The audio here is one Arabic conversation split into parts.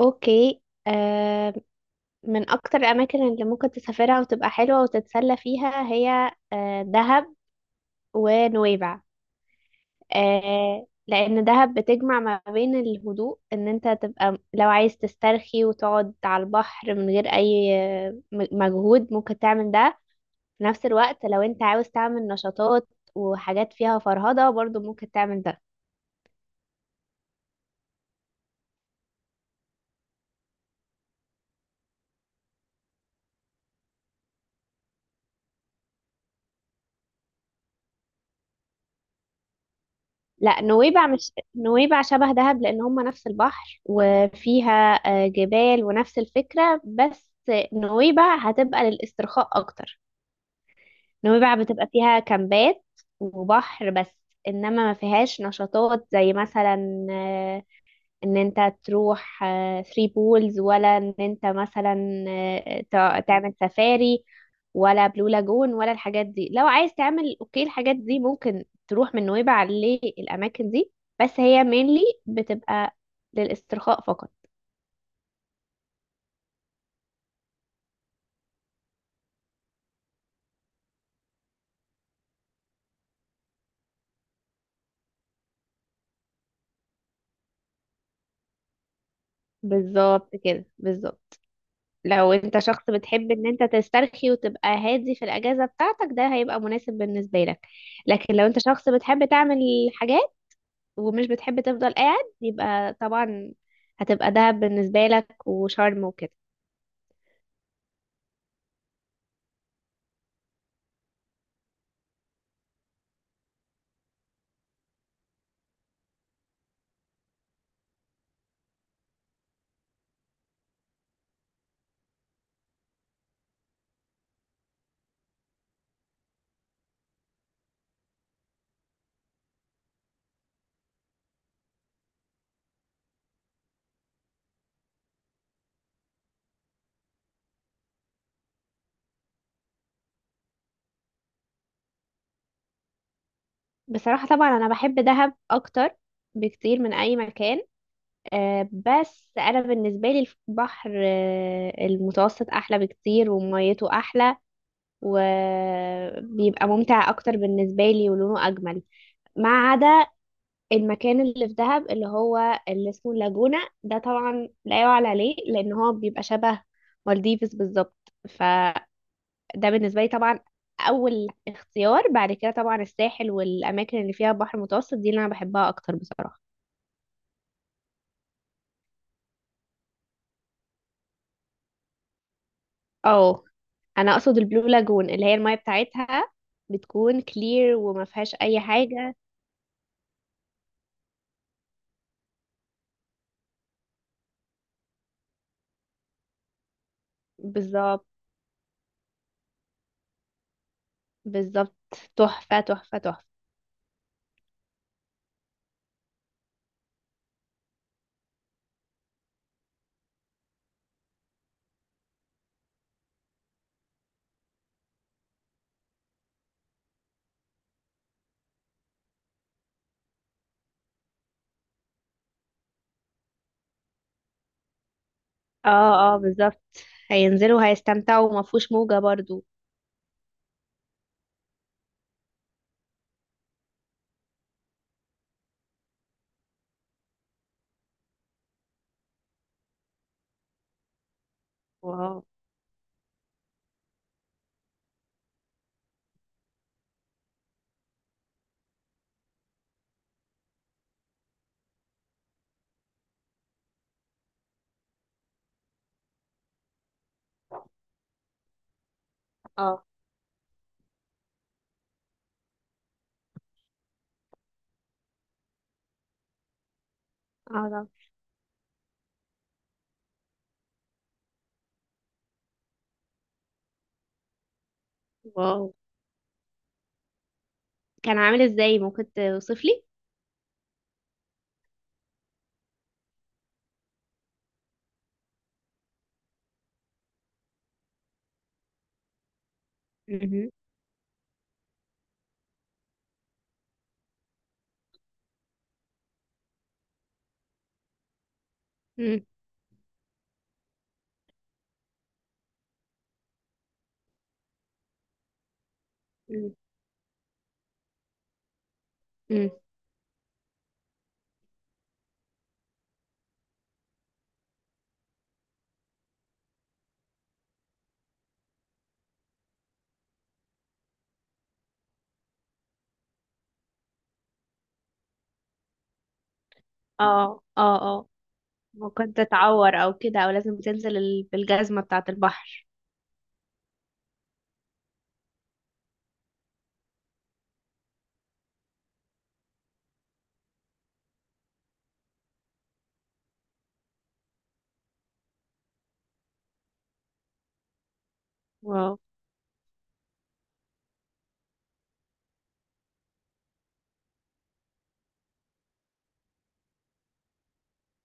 اوكي. آه، من اكتر الاماكن اللي ممكن تسافرها وتبقى حلوه وتتسلى فيها هي دهب ونويبع. آه، لان دهب بتجمع ما بين الهدوء، ان انت تبقى لو عايز تسترخي وتقعد على البحر من غير اي مجهود، ممكن تعمل ده. في نفس الوقت لو انت عاوز تعمل نشاطات وحاجات فيها فرهضه برضو ممكن تعمل ده. لا، نويبع مش نويبع شبه دهب، لان هم نفس البحر وفيها جبال ونفس الفكرة، بس نويبع هتبقى للاسترخاء اكتر. نويبع بتبقى فيها كامبات وبحر بس، انما ما فيهاش نشاطات، زي مثلا ان انت تروح ثري بولز، ولا ان انت مثلا تعمل سفاري، ولا بلو لاجون، ولا الحاجات دي. لو عايز تعمل اوكي، الحاجات دي ممكن تروح من نويبع للاماكن دي، بس هي mainly بتبقى للاسترخاء فقط. بالظبط كده، بالظبط. لو انت شخص بتحب ان انت تسترخي وتبقى هادي في الاجازه بتاعتك، ده هيبقى مناسب بالنسبه لك. لكن لو انت شخص بتحب تعمل حاجات ومش بتحب تفضل قاعد، يبقى طبعا هتبقى دهب بالنسبة لك، وشرم وكده. بصراحة طبعا أنا بحب دهب أكتر بكتير من أي مكان. آه، بس أنا بالنسبة لي البحر، المتوسط أحلى بكتير، وميته أحلى وبيبقى ممتع أكتر بالنسبة لي، ولونه أجمل. ما عدا المكان اللي في دهب اللي هو اللي اسمه اللاجونة، ده طبعا لا يعلى عليه، لأن هو بيبقى شبه مالديفز بالظبط. ده بالنسبة لي طبعا أول اختيار. بعد كده طبعا الساحل والأماكن اللي فيها بحر متوسط، دي اللي أنا بحبها أكتر بصراحة. اه، أنا أقصد البلو لاجون، اللي هي المية بتاعتها بتكون كلير وما فيهاش أي حاجة. بالظبط، بالظبط. تحفة، تحفة، تحفة. اه اه، بالظبط. هينزلوا هيستمتعوا وما فيهوش موجة برضو. واو. اه اه، طبعاً. واو، كان عامل ازاي؟ ممكن توصف لي؟ مهم. مم. مم. مم. اه اه اه، ممكن تتعور او كده، او لازم تنزل بالجزمة بتاعة البحر. واو.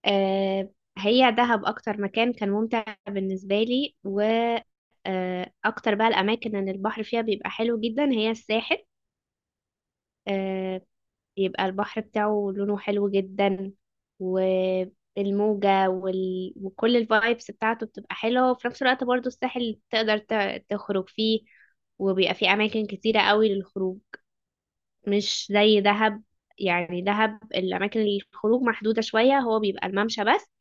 آه، هي دهب اكتر مكان كان ممتع بالنسبة لي. و اكتر بقى الاماكن ان البحر فيها بيبقى حلو جدا هي الساحل. آه، بيبقى البحر بتاعه لونه حلو جدا، والموجة وكل الفايبس بتاعته بتبقى حلوة. وفي نفس الوقت برضو الساحل تقدر تخرج فيه، وبيبقى فيه اماكن كتيرة قوي للخروج، مش زي دهب. يعني دهب الأماكن الخروج محدودة شوية، هو بيبقى الممشى بس.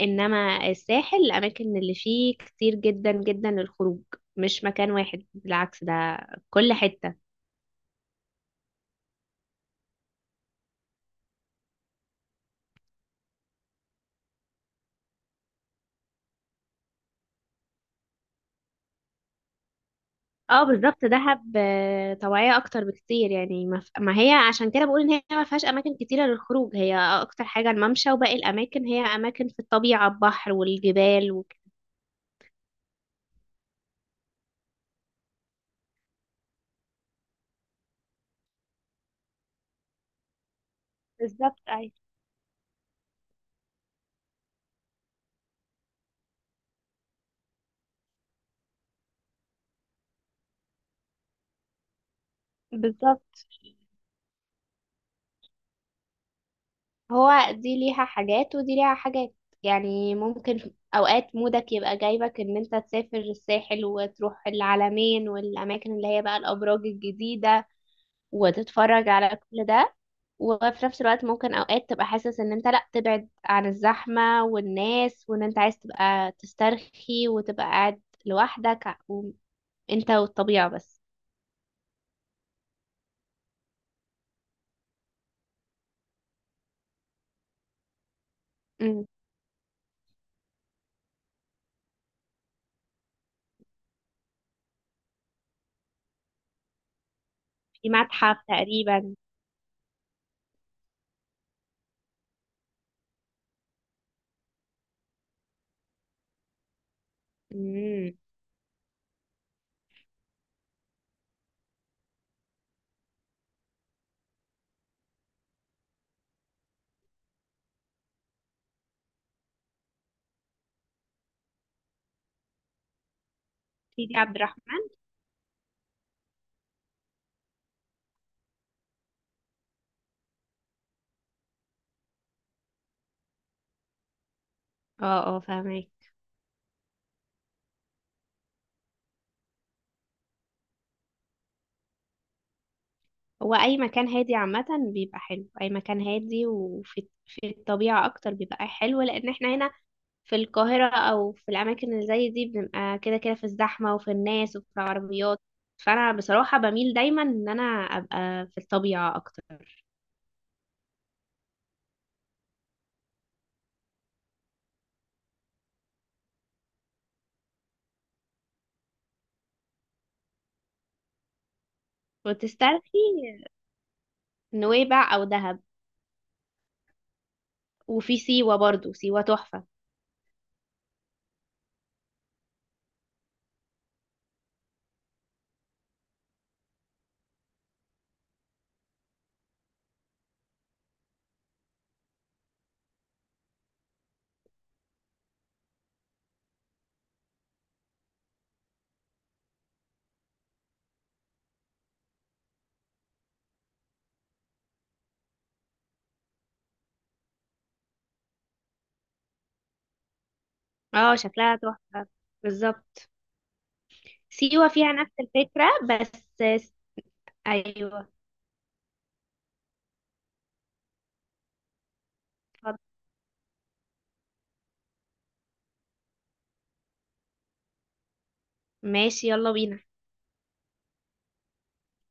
إنما الساحل الأماكن اللي فيه كتير جدا جدا للخروج، مش مكان واحد، بالعكس ده كل حتة. اه بالظبط، دهب طواعية أكتر بكتير. يعني ما هي عشان كده بقول إن هي ما فيهاش أماكن كتيرة للخروج، هي أكتر حاجة الممشى، وباقي الأماكن هي أماكن في الطبيعة، البحر والجبال وكده. بالظبط، أيوة، بالظبط. هو دي ليها حاجات ودي ليها حاجات. يعني ممكن اوقات مودك يبقى جايبك ان انت تسافر الساحل، وتروح العلمين والاماكن اللي هي بقى الابراج الجديدة، وتتفرج على كل ده. وفي نفس الوقت ممكن اوقات تبقى حاسس ان انت لا، تبعد عن الزحمة والناس، وان انت عايز تبقى تسترخي وتبقى قاعد لوحدك، وانت والطبيعة بس. مم. في متحف تقريبا. مم. سيدي عبد الرحمن. اه اه، فاهمك. هو اي مكان هادي عامة بيبقى حلو، اي مكان هادي وفي في الطبيعة اكتر بيبقى حلو، لان احنا هنا في القاهرة او في الاماكن اللي زي دي بنبقى كده كده في الزحمة، وفي الناس، وفي العربيات. فانا بصراحة بميل دايما ان انا ابقى في الطبيعة اكتر. وتسترخي. نويبع او دهب. وفي سيوة برضو، سيوة تحفة. اه، شكلها تحفة، بالظبط. سيوة فيها نفس الفكرة بس. ايوه. اتفضل. ماشي، يلا بينا.